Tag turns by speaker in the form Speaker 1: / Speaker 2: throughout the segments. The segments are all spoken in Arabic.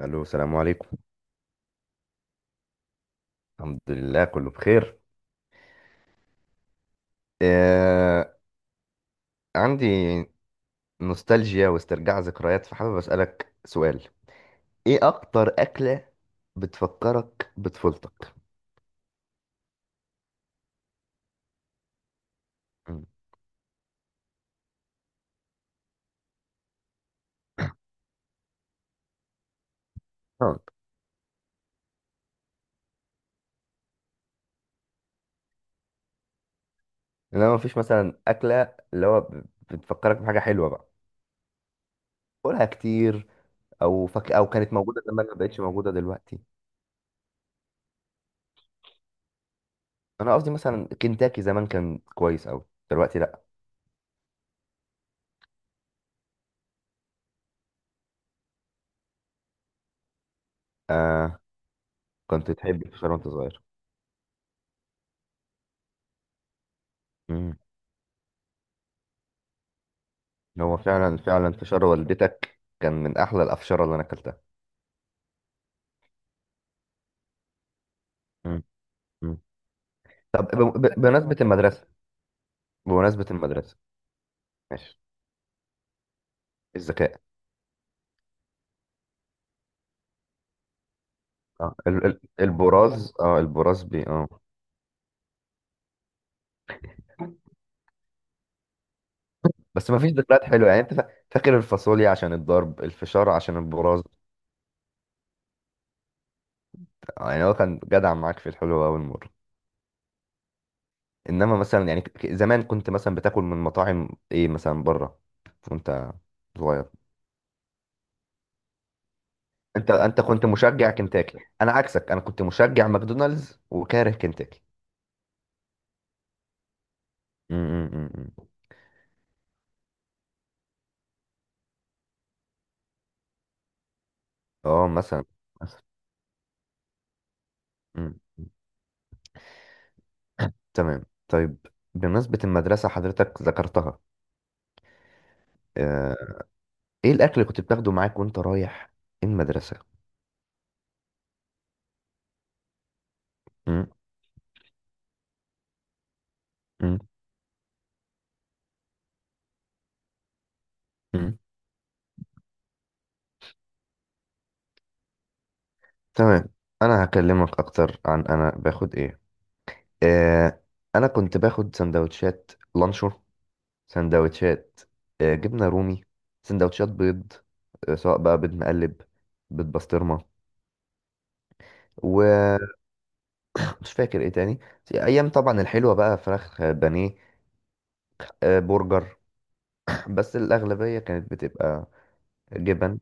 Speaker 1: الو، السلام عليكم. الحمد لله، كله بخير. آه. عندي نوستالجيا واسترجاع ذكريات، فحابب اسالك سؤال. ايه اكتر اكله بتفكرك بطفولتك؟ مم. اه، لو مفيش مثلا اكله اللي هو بتفكرك بحاجه حلوه بقى، كلها كتير، او كانت موجوده زمان ما بقتش موجوده دلوقتي. انا قصدي مثلا كنتاكي زمان كان كويس قوي، دلوقتي لا. آه. كنت تحب الفشار وانت صغير؟ هو فعلا فعلا فشار والدتك كان من احلى الافشاره اللي انا اكلتها. مم. مم. طب بمناسبه المدرسه، بمناسبه المدرسه. ماشي. الذكاء. اه البراز اه البراز بي اه بس ما فيش ذكريات حلوه، يعني انت فاكر الفاصوليا عشان الضرب، الفشار عشان البراز. يعني هو كان جدع معاك في الحلوه اول مره. انما مثلا يعني زمان كنت مثلا بتاكل من مطاعم ايه مثلا بره وانت صغير؟ انت كنت مشجع كنتاكي، انا عكسك، انا كنت مشجع ماكدونالدز وكاره كنتاكي. مم، مم، مم، مم. اه، مثلا. مثلا. مم، مم. تمام، طيب. بمناسبة المدرسة حضرتك ذكرتها، آه، ايه الأكل اللي كنت بتاخده معاك وانت رايح المدرسة؟ مم، مم، مم. تمام، أنا هكلمك أكتر عن أنا باخد ايه. آه، أنا كنت باخد سندوتشات لانشو، سندوتشات جبنة رومي، سندوتشات بيض، سواء بقى بيض مقلب، بيض بسطرمة، ومش فاكر ايه تاني. ايام طبعا الحلوه بقى فراخ بانيه، برجر، بس الأغلبية كانت بتبقى جبن.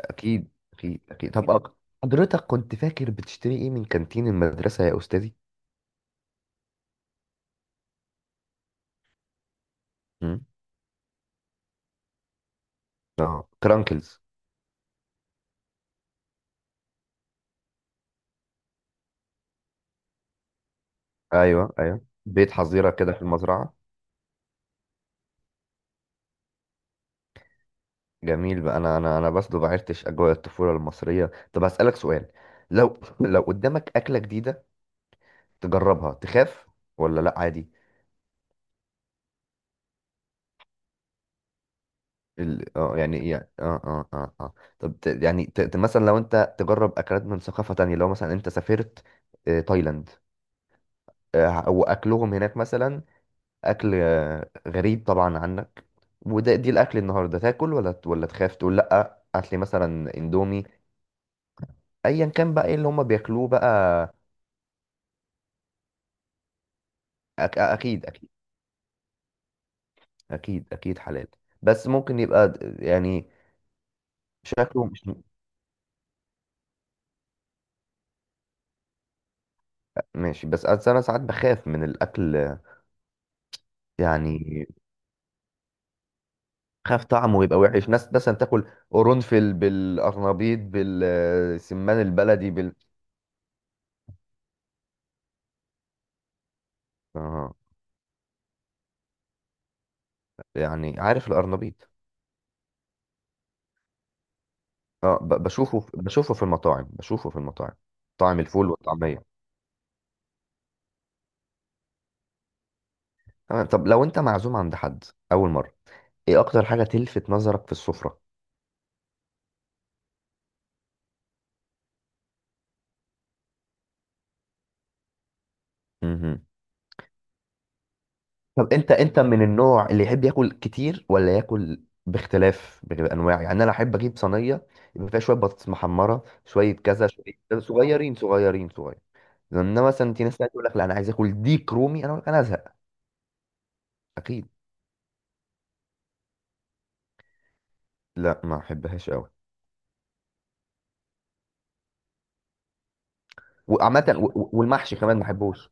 Speaker 1: أكيد أكيد أكيد. طب حضرتك كنت فاكر بتشتري إيه من كانتين المدرسة يا أستاذي؟ مم. آه، كرانكلز؟ أيوه أيوه، بيت حظيرة كده في المزرعة. جميل بقى. أنا بس ما بعرتش أجواء الطفولة المصرية. طب هسألك سؤال، لو لو قدامك أكلة جديدة تجربها تخاف، ولا لأ عادي؟ ال... اه يعني يعني اه اه اه اه طب يعني مثلا لو انت تجرب اكلات من ثقافة تانية، لو مثلا انت سافرت تايلاند، واكلهم هناك مثلا، اكل غريب طبعا عنك، دي الاكل النهارده تاكل، ولا تخاف تقول لا هات لي مثلا اندومي، ايا كان بقى ايه اللي هم بياكلوه بقى. اكيد اكيد. اكيد اكيد حلال. بس ممكن يبقى يعني شكله مش ماشي. بس انا ساعات بخاف من الاكل. يعني خاف طعمه يبقى وحش، ناس مثلا تاكل قرنفل بالقرنبيط بالسمان البلدي بال... اه، يعني عارف القرنبيط. اه، بشوفه بشوفه في المطاعم، بشوفه في المطاعم. طعم الفول والطعمية. تمام، طب لو انت معزوم عند حد اول مرة، ايه اكتر حاجة تلفت نظرك في السفرة؟ مهم. طب انت من النوع اللي يحب ياكل كتير ولا ياكل باختلاف بانواع؟ يعني انا احب اجيب صينية يبقى فيها شوية بطاطس محمرة، شوية كذا، شوية كذا، صغيرين صغيرين صغيرين. لان مثلا في ناس تانية تقول لك لا انا عايز اكل ديك رومي، انا اقول لك انا ازهق. اكيد. لا، ما احبهاش قوي. وعامه، والمحشي كمان ما احبوش.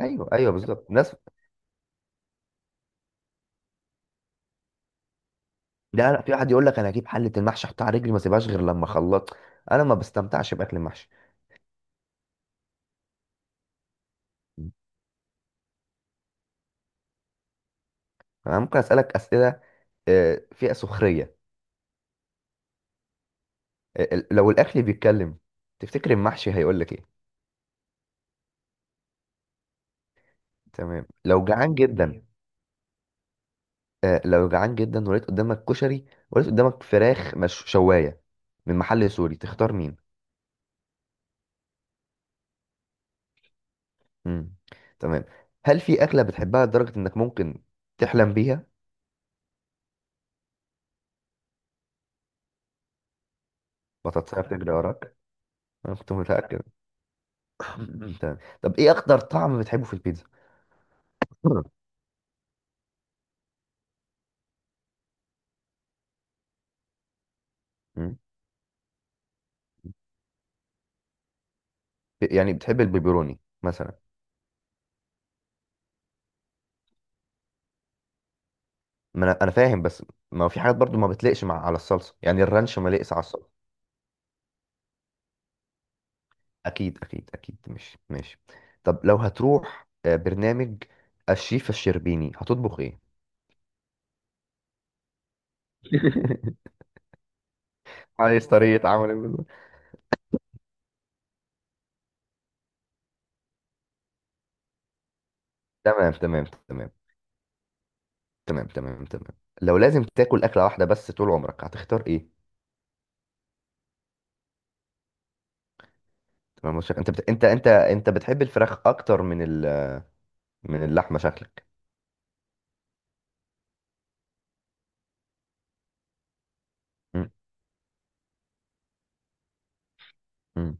Speaker 1: ايوه ايوه، بالظبط، ناس. لا لا، في واحد يقول لك انا اجيب حله المحشي احطها على رجلي ما اسيبهاش غير لما اخلط. انا ما بستمتعش باكل المحشي. انا ممكن اسالك اسئله فيها سخريه؟ لو الاكل بيتكلم، تفتكر المحشي هيقول لك ايه؟ تمام. لو جعان جدا، لو جعان جدا ولقيت قدامك كشري، ولقيت قدامك فراخ مش شوايه من محل سوري، تختار مين؟ مم. تمام. هل في أكلة بتحبها لدرجة إنك ممكن تحلم بيها؟ بطاطسية بتجري وراك؟ أنا كنت متأكد. تمام، طب إيه أكتر طعم بتحبه في البيتزا؟ مم. يعني بتحب البيبروني مثلا؟ ما أنا فاهم، بس ما هو في حاجات برضو ما بتليقش مع على الصلصة، يعني الرانش ما ليقش على الصلصة. أكيد أكيد أكيد، مش ماشي. طب لو هتروح برنامج الشيف الشربيني هتطبخ إيه؟ عايز طريقة عمل البيتزا. تمام تمام تمام. تمام تمام تمام. لو لازم تاكل اكله واحده بس طول عمرك، هتختار ايه؟ تمام. انت انت بتحب الفراخ اكتر من من اللحمه شكلك؟ مم. مم.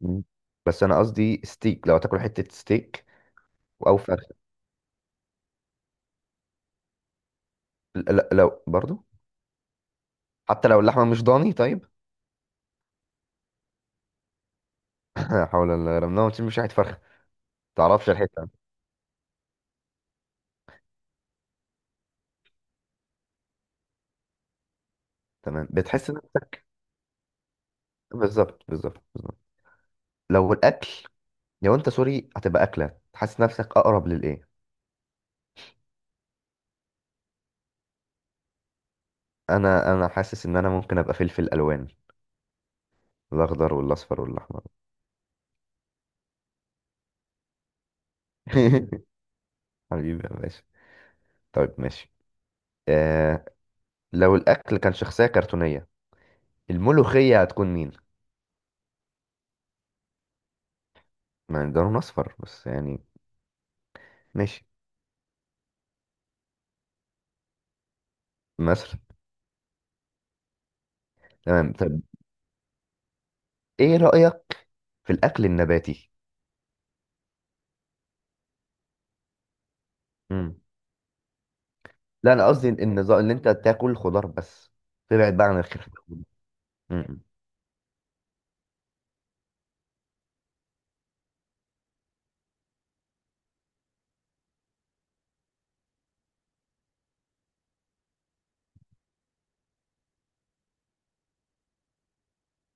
Speaker 1: مم. بس انا قصدي ستيك، لو هتاكل حته ستيك او فرخه، لو برضو حتى لو اللحمه مش ضاني طيب. لا حول الله، رمنا مش شحت فرخه. تعرفش الحته. تمام، بتحس نفسك. بالظبط بالظبط بالظبط. لو الاكل، لو انت سوري، هتبقى اكله تحس نفسك اقرب للايه؟ انا حاسس ان انا ممكن ابقى فلفل الوان، الأخضر والأصفر والأحمر. حبيبي يا باشا. طيب، ماشي. آه. لو الأكل كان شخصية كرتونية، الملوخية هتكون مين؟ ما ده لون أصفر بس يعني. ماشي. مثلا. تمام، طب إيه رأيك في الأكل النباتي؟ مم. لا، أنا قصدي النظام اللي أنت تاكل خضار بس، تبعد بقى عن الخير. مم.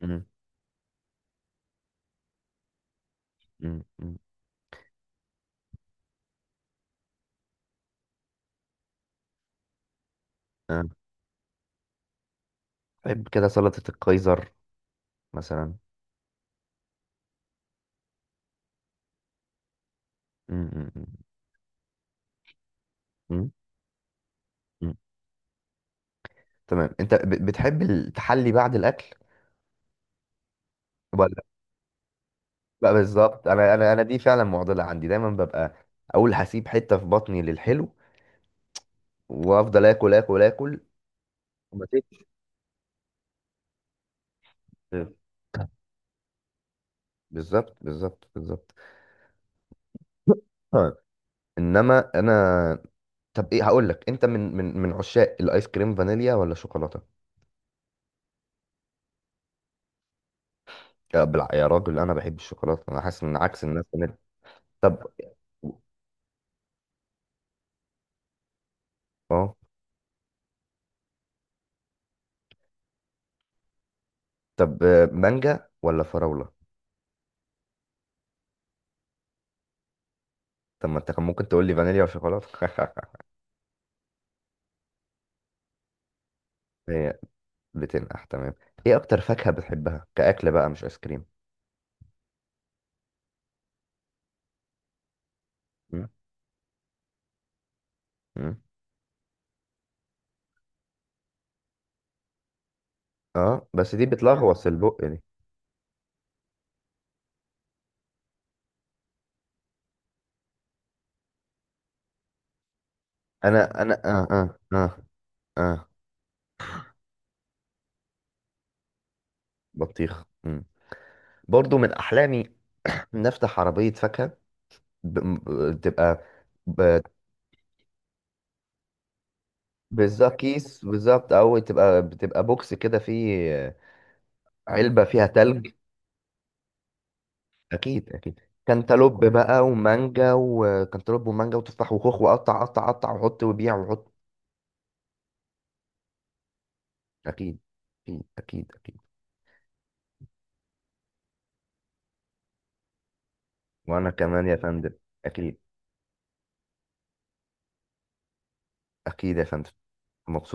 Speaker 1: مم. مم. مم. آه. بحب كده سلطة القيصر مثلا. مم. مم. مم. مم. تمام، أنت بتحب التحلي بعد الأكل؟ لا، بالظبط، انا دي فعلا معضله عندي، دايما ببقى اقول هسيب حته في بطني للحلو وافضل اكل اكل اكل وما سيبش. بالظبط بالظبط بالظبط. آه. انما انا، طب ايه، هقول لك انت من عشاق الايس كريم فانيليا ولا شوكولاته؟ يا راجل، انا بحب الشوكولاته، انا حاسس ان عكس الناس فانيليا. طب اه طب مانجا ولا فراوله؟ طب ما انت كان ممكن تقول لي فانيليا وشوكولاته. هي بتنقح. تمام. ايه اكتر فاكهة بتحبها كأكل بقى مش ايس كريم؟ مم. مم. اه بس دي بتلغوص البق دي. انا انا اه اه اه اه بطيخ. مم. برضو من احلامي. نفتح عربية فاكهة، تبقى، ب... بالظبط كيس، بالظبط، او بتبقى بوكس كده فيه علبة فيها تلج. اكيد اكيد. كانتالوب بقى ومانجا، وكانتالوب ومانجا وتفاح وخوخ، وقطع قطع قطع وحط وبيع وحط. اكيد اكيد اكيد اكيد. وانا كمان يا فندم. اكيد اكيد يا فندم. مبسوط.